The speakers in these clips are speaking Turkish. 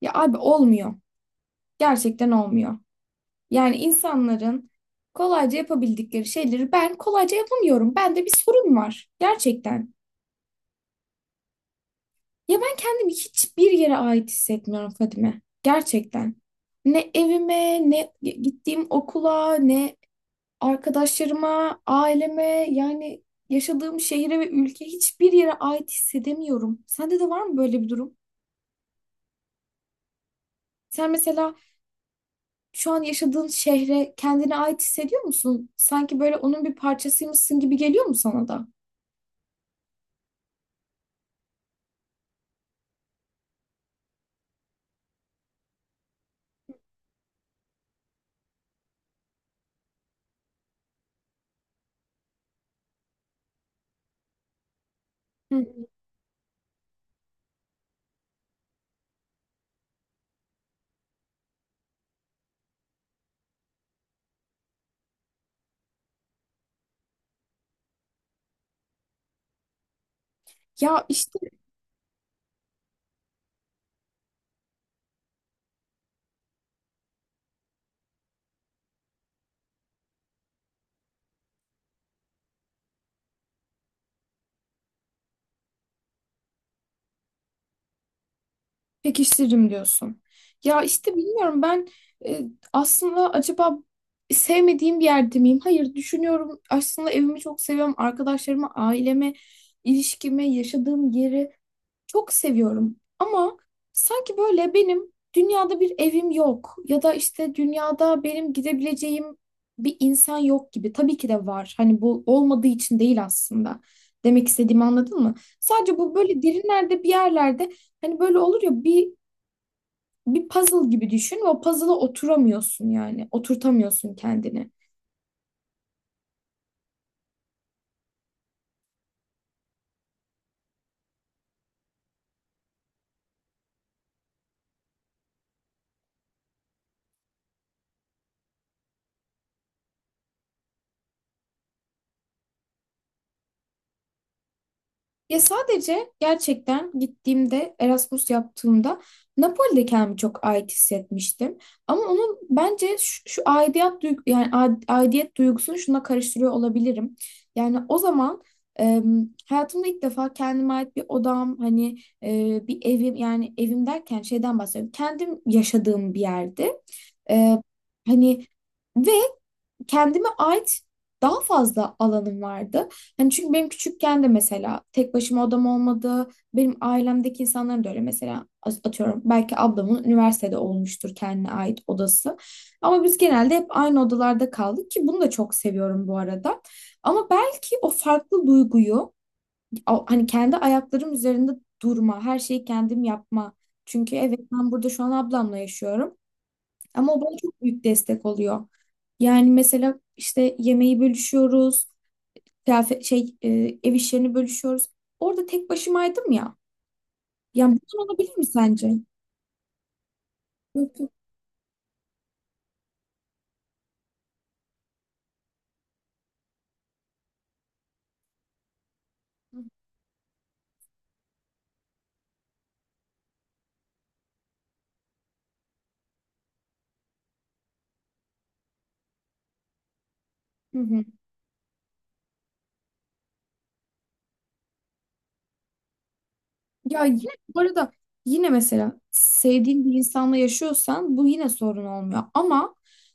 Ya abi olmuyor. Gerçekten olmuyor. Yani insanların kolayca yapabildikleri şeyleri ben kolayca yapamıyorum. Bende bir sorun var. Gerçekten. Ya ben kendimi hiçbir yere ait hissetmiyorum Fadime. Gerçekten. Ne evime, ne gittiğim okula, ne arkadaşlarıma, aileme, yani yaşadığım şehire ve ülke hiçbir yere ait hissedemiyorum. Sende de var mı böyle bir durum? Sen mesela şu an yaşadığın şehre kendine ait hissediyor musun? Sanki böyle onun bir parçasıymışsın gibi geliyor mu sana da? Hı hı. Ya işte pekiştiririm diyorsun. Ya işte bilmiyorum ben, e, aslında acaba sevmediğim bir yerde miyim? Hayır düşünüyorum. Aslında evimi çok seviyorum. Arkadaşlarımı, ailemi, ilişkimi, yaşadığım yeri. Çok seviyorum ama sanki böyle benim dünyada bir evim yok ya da işte dünyada benim gidebileceğim bir insan yok gibi. Tabii ki de var. Hani bu olmadığı için değil aslında. Demek istediğimi anladın mı? Sadece bu böyle derinlerde bir yerlerde hani böyle olur ya bir puzzle gibi düşün ve o puzzle'a oturamıyorsun yani. Oturtamıyorsun kendini. Ya sadece gerçekten gittiğimde Erasmus yaptığımda Napoli'de kendimi çok ait hissetmiştim. Ama onun bence şu aidiyet duygu yani aidiyet duygusunu şuna karıştırıyor olabilirim. Yani o zaman, e, hayatımda ilk defa kendime ait bir odam hani, bir evim yani evim derken şeyden bahsediyorum. Kendim yaşadığım bir yerde. E, Hani ve kendime ait daha fazla alanım vardı. Hani çünkü benim küçükken de mesela tek başıma odam olmadı. Benim ailemdeki insanların da öyle mesela atıyorum belki ablamın üniversitede olmuştur kendine ait odası. Ama biz genelde hep aynı odalarda kaldık ki bunu da çok seviyorum bu arada. Ama belki o farklı duyguyu hani kendi ayaklarım üzerinde durma, her şeyi kendim yapma. Çünkü evet ben burada şu an ablamla yaşıyorum ama o bana çok büyük destek oluyor. Yani mesela işte yemeği bölüşüyoruz, kıyafet şey, ev işlerini bölüşüyoruz. Orada tek başımaydım ya. Yani bunun olabilir mi sence? Yok. Hı hı. Ya yine bu arada yine mesela sevdiğin bir insanla yaşıyorsan bu yine sorun olmuyor. Ama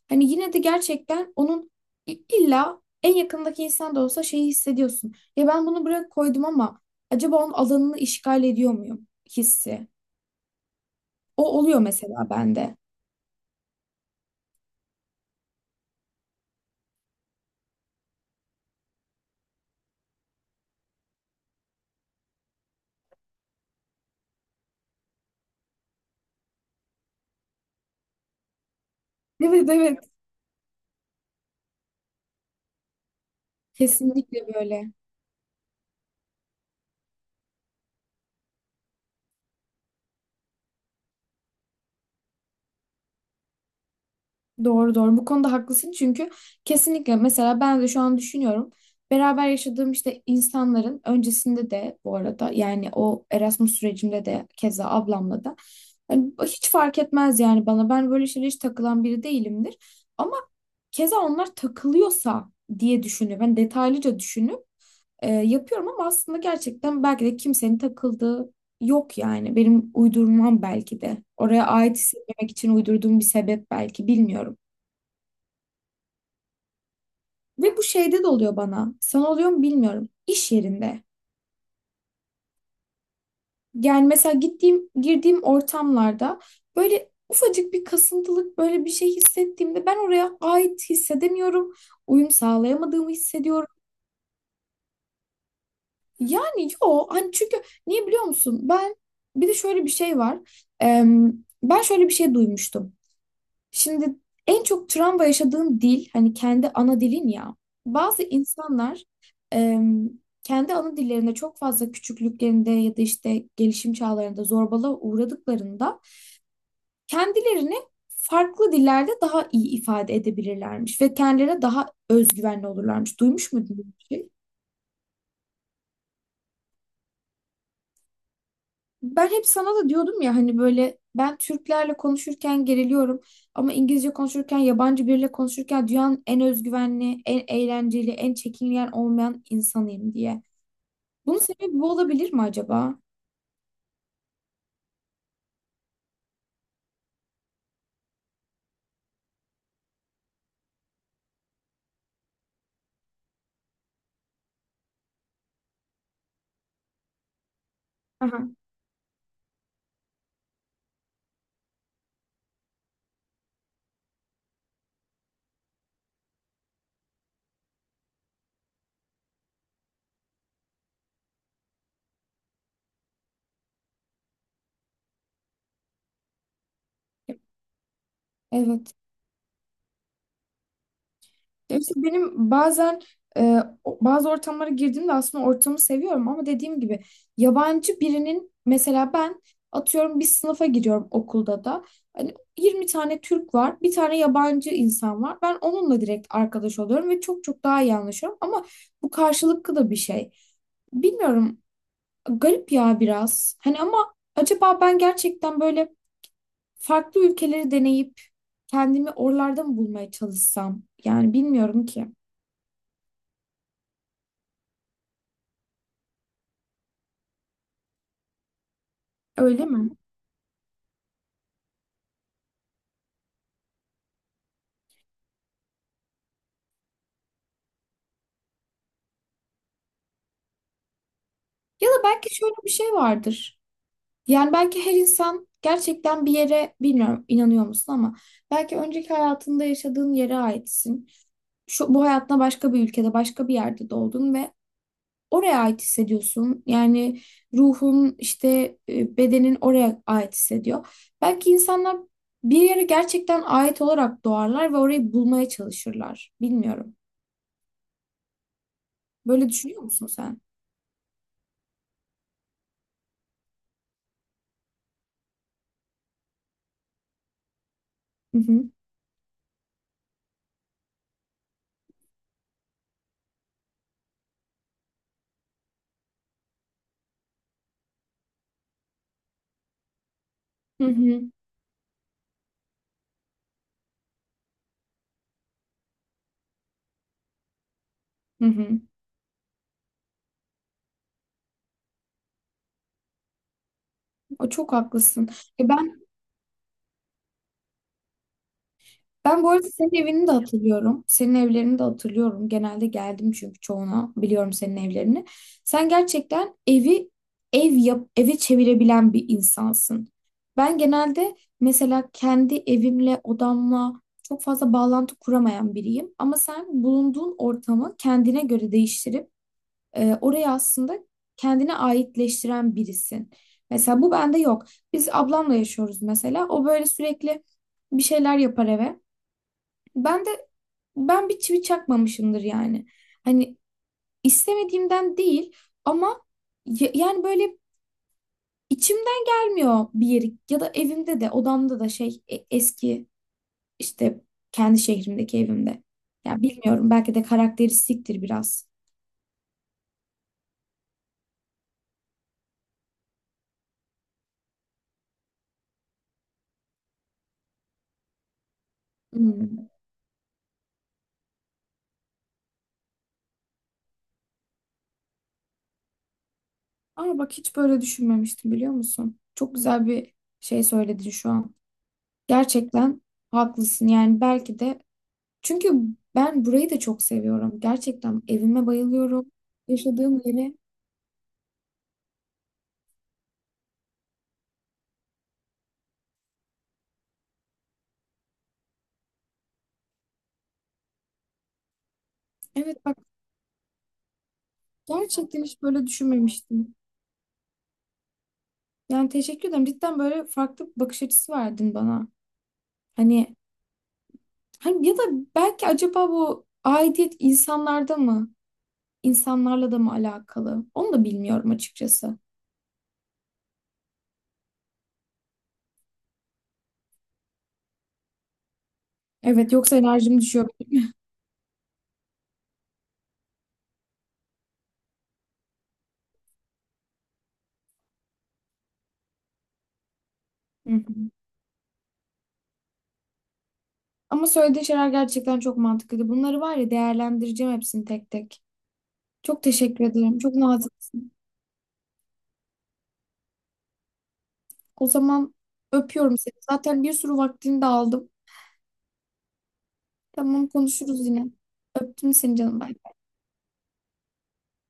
hani yine de gerçekten onun illa en yakındaki insan da olsa şeyi hissediyorsun. Ya ben bunu buraya koydum ama acaba onun alanını işgal ediyor muyum hissi? O oluyor mesela bende. Evet, evet, kesinlikle böyle. Doğru, doğru, bu konuda haklısın çünkü kesinlikle mesela ben de şu an düşünüyorum. Beraber yaşadığım işte insanların öncesinde de bu arada yani o Erasmus sürecimde de keza ablamla da hani hiç fark etmez yani bana, ben böyle şeylere hiç takılan biri değilimdir. Ama keza onlar takılıyorsa diye düşünüp ben detaylıca düşünüp, yapıyorum ama aslında gerçekten belki de kimsenin takıldığı yok yani. Benim uydurmam belki de. Oraya ait hissetmemek için uydurduğum bir sebep belki, bilmiyorum. Ve bu şeyde de oluyor bana. Sana oluyor mu bilmiyorum. İş yerinde. Yani mesela gittiğim, girdiğim ortamlarda böyle ufacık bir kasıntılık böyle bir şey hissettiğimde ben oraya ait hissedemiyorum. Uyum sağlayamadığımı hissediyorum. Yani yo, hani çünkü niye biliyor musun? Ben bir de şöyle bir şey var. Em, Ben şöyle bir şey duymuştum. Şimdi en çok travma yaşadığın dil hani kendi ana dilin ya. Bazı insanlar, em, kendi ana dillerinde çok fazla küçüklüklerinde ya da işte gelişim çağlarında zorbalığa uğradıklarında kendilerini farklı dillerde daha iyi ifade edebilirlermiş ve kendilerine daha özgüvenli olurlarmış. Duymuş muydun bu şeyi? Ben hep sana da diyordum ya hani böyle ben Türklerle konuşurken geriliyorum ama İngilizce konuşurken yabancı biriyle konuşurken dünyanın en özgüvenli, en eğlenceli, en çekingen olmayan insanıyım diye. Bunun sebebi bu olabilir mi acaba? Aha. Evet. Ya işte benim bazen, e, bazı ortamlara girdiğimde aslında ortamı seviyorum ama dediğim gibi yabancı birinin mesela ben atıyorum bir sınıfa giriyorum okulda da. Hani 20 tane Türk var, bir tane yabancı insan var. Ben onunla direkt arkadaş oluyorum ve çok çok daha iyi anlaşıyorum ama bu karşılıklı da bir şey. Bilmiyorum, garip ya biraz. Hani ama acaba ben gerçekten böyle farklı ülkeleri deneyip kendimi oralarda mı bulmaya çalışsam? Yani bilmiyorum ki. Öyle mi? Ya da belki şöyle bir şey vardır. Yani belki her insan gerçekten bir yere, bilmiyorum inanıyor musun ama belki önceki hayatında yaşadığın yere aitsin. Şu, bu hayatına başka bir ülkede, başka bir yerde doğdun ve oraya ait hissediyorsun. Yani ruhun işte, bedenin oraya ait hissediyor. Belki insanlar bir yere gerçekten ait olarak doğarlar ve orayı bulmaya çalışırlar. Bilmiyorum. Böyle düşünüyor musun sen? Hı hı. Hı hı. Hı hı. O, çok haklısın. E ben Ben bu arada senin evini de hatırlıyorum. Senin evlerini de hatırlıyorum. Genelde geldim çünkü çoğuna. Biliyorum senin evlerini. Sen gerçekten evi ev yap, eve çevirebilen bir insansın. Ben genelde mesela kendi evimle, odamla çok fazla bağlantı kuramayan biriyim. Ama sen bulunduğun ortamı kendine göre değiştirip, oraya aslında kendine aitleştiren birisin. Mesela bu bende yok. Biz ablamla yaşıyoruz mesela. O böyle sürekli bir şeyler yapar eve. Ben de ben bir çivi çakmamışımdır yani. Hani istemediğimden değil ama, yani böyle içimden gelmiyor bir yeri ya da evimde de odamda da şey, eski işte kendi şehrimdeki evimde. Ya bilmiyorum belki de karakteristiktir biraz. Hmm. Aa bak, hiç böyle düşünmemiştim biliyor musun? Çok güzel bir şey söyledin şu an. Gerçekten haklısın yani belki de, çünkü ben burayı da çok seviyorum. Gerçekten evime bayılıyorum. Yaşadığım yere. Evet bak, gerçekten hiç böyle düşünmemiştim. Yani teşekkür ederim. Cidden böyle farklı bir bakış açısı verdin bana. Hani, hani ya da belki acaba bu aidiyet insanlarda mı? İnsanlarla da mı alakalı? Onu da bilmiyorum açıkçası. Evet, yoksa enerjim düşüyor benim. Hı hı. Ama söylediğin şeyler gerçekten çok mantıklıydı. Bunları var ya değerlendireceğim hepsini tek tek. Çok teşekkür ederim. Çok naziksin. O zaman öpüyorum seni. Zaten bir sürü vaktini de aldım. Tamam, konuşuruz yine. Öptüm seni canım. Bay.